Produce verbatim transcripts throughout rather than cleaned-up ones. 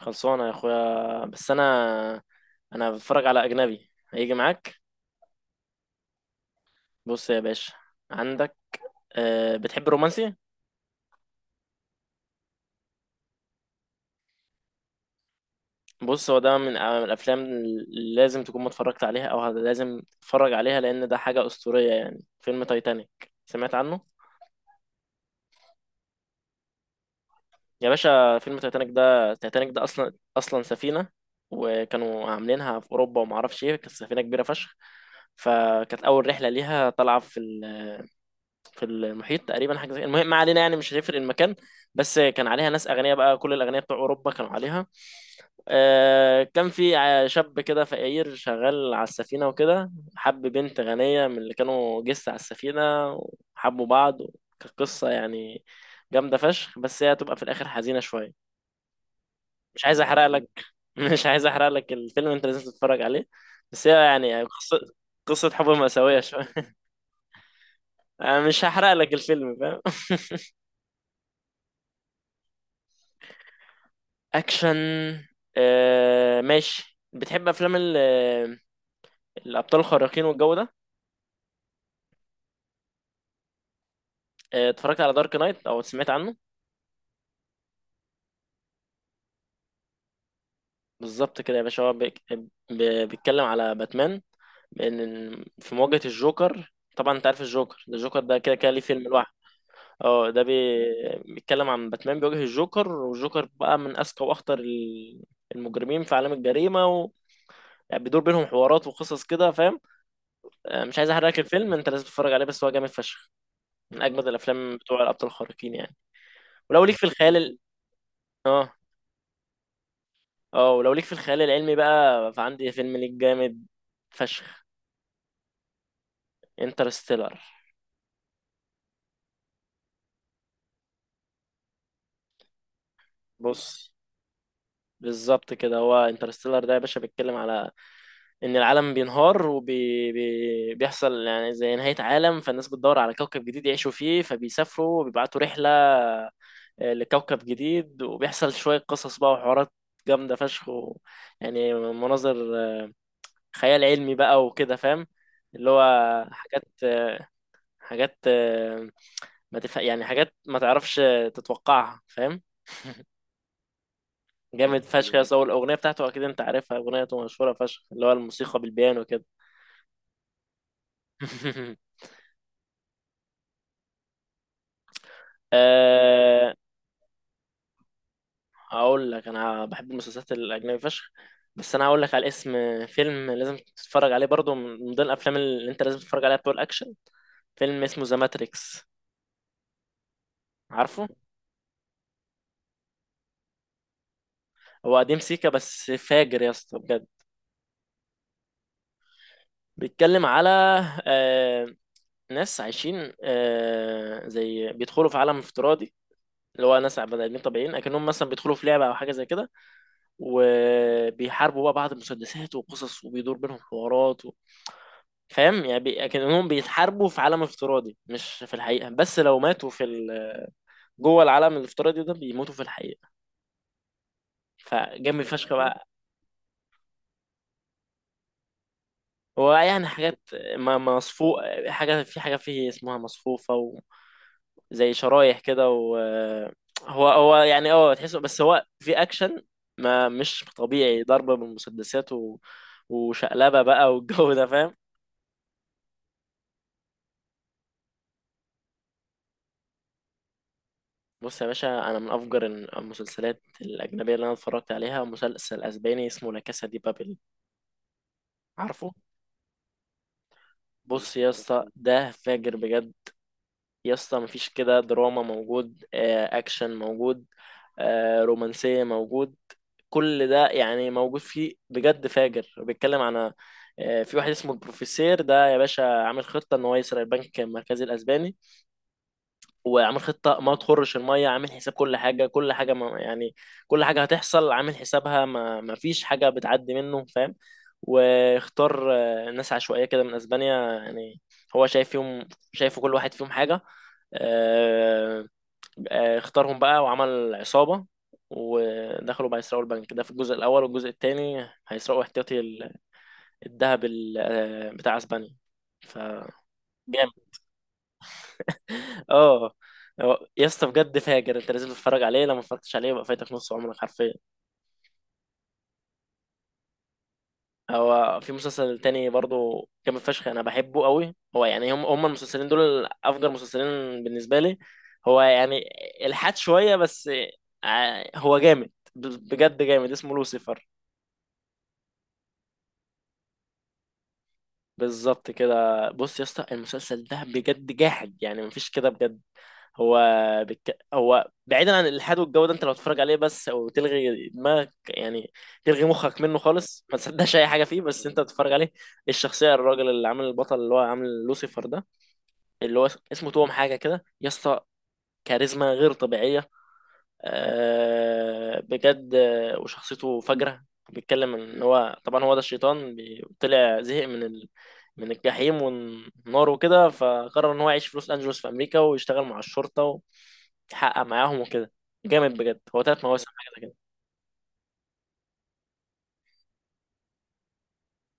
خلصانة يا اخويا، بس انا انا بتفرج على اجنبي. هيجي معاك؟ بص يا باشا، عندك أه بتحب الرومانسي؟ بص، هو ده من آه، من الافلام اللي لازم تكون ما اتفرجت عليها، او لازم تتفرج عليها، لان ده حاجة اسطورية. يعني فيلم تايتانيك، سمعت عنه؟ يا باشا، فيلم تايتانيك ده، تايتانيك ده اصلا اصلا سفينة، وكانوا عاملينها في اوروبا وما اعرفش ايه. كانت سفينة كبيرة فشخ. فكانت اول رحلة ليها طالعة في في المحيط تقريبا، حاجه زي، المهم ما علينا، يعني مش هتفرق المكان. بس كان عليها ناس اغنياء، بقى كل الاغنياء بتوع اوروبا كانوا عليها. آه، كان في ع- شاب كده فقير شغال على السفينه، وكده حب بنت غنيه من اللي كانوا جس على السفينه، وحبوا بعض. كانت قصه، يعني جامده فشخ، بس هي هتبقى في الاخر حزينه شويه. مش عايز احرق لك مش عايز احرق لك الفيلم، انت لازم تتفرج عليه. بس هي يعني قصه. قصه حب مأساويه شويه. أنا مش هحرق لك الفيلم، فاهم؟ اكشن. آه ماشي، بتحب افلام ال- آه، الابطال الخارقين والجو ده؟ آه، اتفرجت على دارك نايت او سمعت عنه؟ بالظبط كده يا باشا، هو بيك- ب- بيتكلم على باتمان، بان، في مواجهة الجوكر. طبعا انت عارف الجوكر ده، الجوكر ده كده كده ليه فيلم لوحده. اه، ده بي- بيتكلم عن باتمان بيواجه الجوكر، والجوكر بقى من اذكى واخطر ال- المجرمين في عالم الجريمه. و... يعني بيدور بينهم حوارات وقصص كده، فاهم؟ آه، مش عايز احرق لك الفيلم، انت لازم تتفرج عليه، بس هو جامد فشخ. من اجمد الافلام بتوع الابطال الخارقين يعني. ولو ليك في الخيال ال... اه. اه، ولو ليك في الخيال العلمي بقى، فعندي فيلم ليك جامد فشخ. انترستيلر. بص، بالظبط كده، هو انترستيلر ده يا باشا بيتكلم على ان العالم بينهار، وبيحصل يعني زي نهاية عالم، فالناس بتدور على كوكب جديد يعيشوا فيه. فبيسافروا وبيبعتوا رحلة، آه، لكوكب جديد، وبيحصل شوية قصص بقى وحوارات جامدة فشخ. و... يعني مناظر خيال علمي بقى وكده، فاهم؟ اللي هو حاجات، حاجات ما تف... يعني حاجات ما تعرفش تتوقعها، فاهم؟ جامد فشخ يا صاحبي. الاغنيه بتاعته اكيد انت عارفها، اغنيته مشهوره فشخ، اللي هو الموسيقى بالبيانو كده. أه... هقول لك، انا بحب المسلسلات الاجنبي فشخ، بس انا هقول لك على اسم فيلم لازم تتفرج عليه برضو، من ضمن الافلام اللي انت لازم تتفرج عليها بتوع الاكشن. فيلم اسمه ذا ماتريكس، عارفه؟ هو قديم سيكا، بس فاجر يا اسطى بجد. بيتكلم على آه، ناس عايشين، آه، زي بيدخلوا في عالم افتراضي. اللي هو ناس بني ادمين طبيعيين، اكنهم مثلا بيدخلوا في لعبه او حاجه زي كده، وبيحاربوا بقى بعض، المسدسات وقصص، وبيدور بينهم حوارات. و... فاهم يعني، بي... اكنهم بيتحاربوا في عالم افتراضي مش في الحقيقه، بس لو ماتوا في ال... جوه العالم الافتراضي ده بيموتوا في الحقيقه. فجامد فشخ بقى. ويعني حاجات م- مصفوف، حاجة في حاجة فيه اسمها مصفوفة، و... زي شرايح كده. و هو هو، يعني اه تحسه، بس هو في اكشن ما مش طبيعي، ضربة بالمسدسات، و... وشقلبة بقى والجو ده، فاهم؟ بص يا باشا، انا من افجر المسلسلات الاجنبيه اللي انا اتفرجت عليها مسلسل اسباني، اسمه لا كاسا دي بابل، عارفه؟ بص يا اسطى، ده فاجر بجد. يا اسطى، مفيش كده. دراما موجود، آه، اكشن موجود، آه، رومانسية موجود، كل ده يعني موجود فيه، بجد فاجر. بيتكلم عن آه، في واحد اسمه البروفيسير ده يا باشا، عامل خطة ان هو يسرق البنك المركزي الاسباني. وعامل خطة ما تخرش المية، عامل حساب كل حاجة، كل حاجة ما يعني، كل حاجة هتحصل عامل حسابها، ما, ما فيش حاجة بتعدي منه، فاهم؟ واختار آه، ناس عشوائية كده من أسبانيا يعني، هو شايف فيهم، شايفه كل واحد فيهم حاجة. آه، آه، اختارهم بقى وعمل عصابة، ودخلوا بقى يسرقوا البنك ده في الجزء الأول، والجزء التاني هيسرقوا احتياطي ال- الذهب ال- آه، بتاع أسبانيا. فجامد. اه، هو- يا اسطى بجد فاجر. انت لازم تتفرج عليه، لو ما اتفرجتش عليه يبقى فايتك نص عمرك حرفيا. هو في مسلسل تاني برضو جامد فشخ، انا بحبه قوي. هو يعني هم هم المسلسلين دول افجر مسلسلين بالنسبه لي. هو يعني الحاد شويه بس. ع- هو جامد ب- بجد جامد، اسمه لوسيفر. بالظبط كده. بص يا اسطى، المسلسل ده بجد جاحد، يعني مفيش كده بجد. هو بك... هو بعيدا عن الالحاد والجو ده، انت لو تتفرج عليه بس، او تلغي دماغك يعني، تلغي مخك منه خالص، ما تصدقش اي حاجه فيه، بس انت تتفرج عليه. الشخصيه الراجل اللي عامل البطل، اللي هو عامل لوسيفر ده، اللي هو اسمه توم حاجه كده يا اسطى، كاريزما غير طبيعيه، آه، بجد، آه، وشخصيته فجرة. بيتكلم ان هو طبعا هو ده الشيطان، بي- طلع زهق من ال... من الجحيم والنار وكده، فقرر ان هو يعيش في لوس انجلوس في امريكا، ويشتغل مع الشرطة، ويحقق معاهم وكده. جامد بجد. هو ثلاث مواسم حاجة زي كده.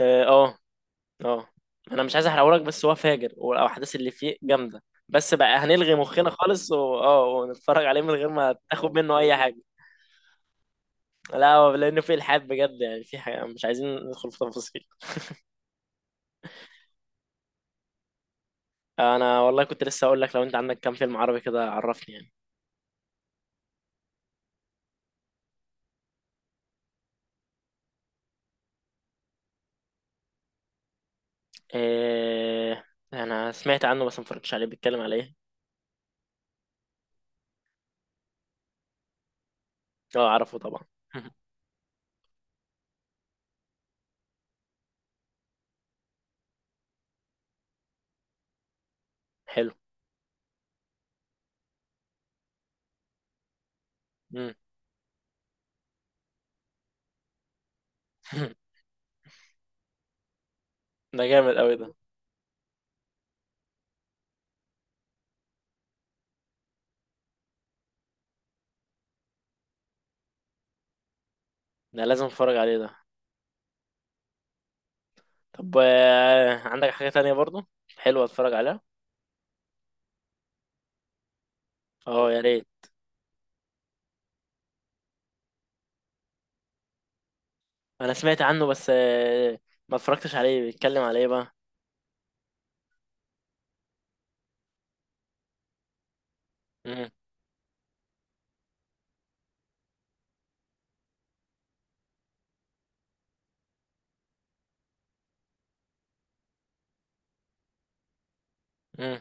اه. اه. آه. انا مش عايز احرقهولك، بس هو فاجر والاحداث اللي فيه جامدة. بس بقى هنلغي مخنا خالص، و... اه ونتفرج عليه من غير ما تاخد منه اي حاجة. لا، هو لانه فيه الحاد بجد، يعني في حاجة مش عايزين ندخل في تفاصيل. انا والله كنت لسه اقول لك، لو انت عندك كام فيلم عربي كده عرفني يعني. إيه؟ انا سمعت عنه بس ما اتفرجتش عليه. بيتكلم على ايه؟ اه اعرفه طبعا. حلو. مم. ده جامد قوي ده. ده لازم اتفرج عليه ده. طب آه، عندك حاجة تانية برضو حلوة اتفرج عليها؟ اه يا ريت. انا سمعت عنه بس آه، ما اتفرجتش عليه. بيتكلم على ايه بقى؟ مم. مم.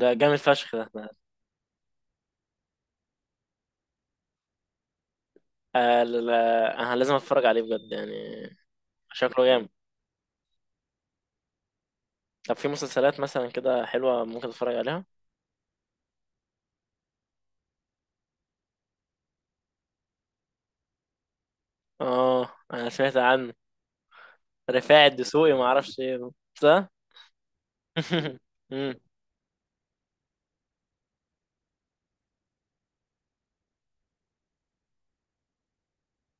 ده جامد فشخ ده ده- آه، لا- لا، انا لازم اتفرج عليه بجد يعني. شكله جامد. طب في مسلسلات مثلا كده حلوة ممكن اتفرج عليها؟ اه انا سمعت عنه. رفاعي الدسوقي ما اعرفش ايه، صح؟ مم،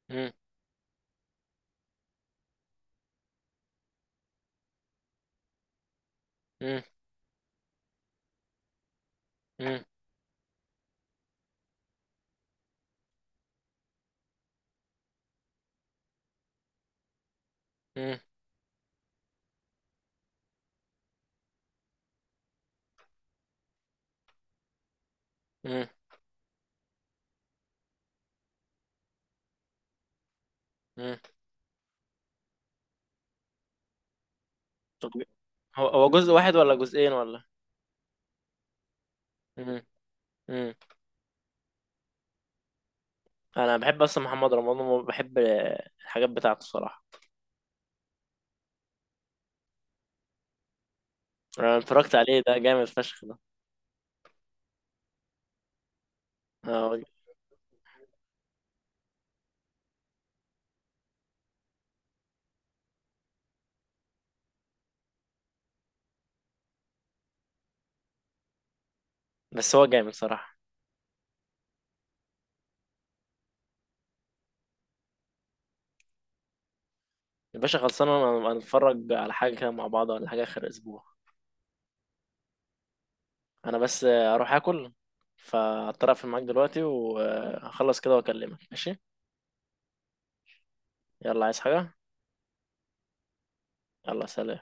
مم، مم، مم، مم، مم، مم. طب، هو هو جزء واحد ولا جزئين ولا؟ مم، مم. انا بحب اصلا محمد رمضان، وبحب الحاجات بتاعته صراحة. انا اتفرجت عليه، ده جامد فشخ ده. آه، بس هو جامد صراحة. يا باشا خلصانة. انا اتفرج على حاجة كده مع بعض ولا حاجة اخر اسبوع؟ انا بس آه، اروح اكل، فاضطر اقفل معاك دلوقتي وهخلص كده واكلمك، ماشي؟ يلا، عايز حاجة؟ يلا سلام.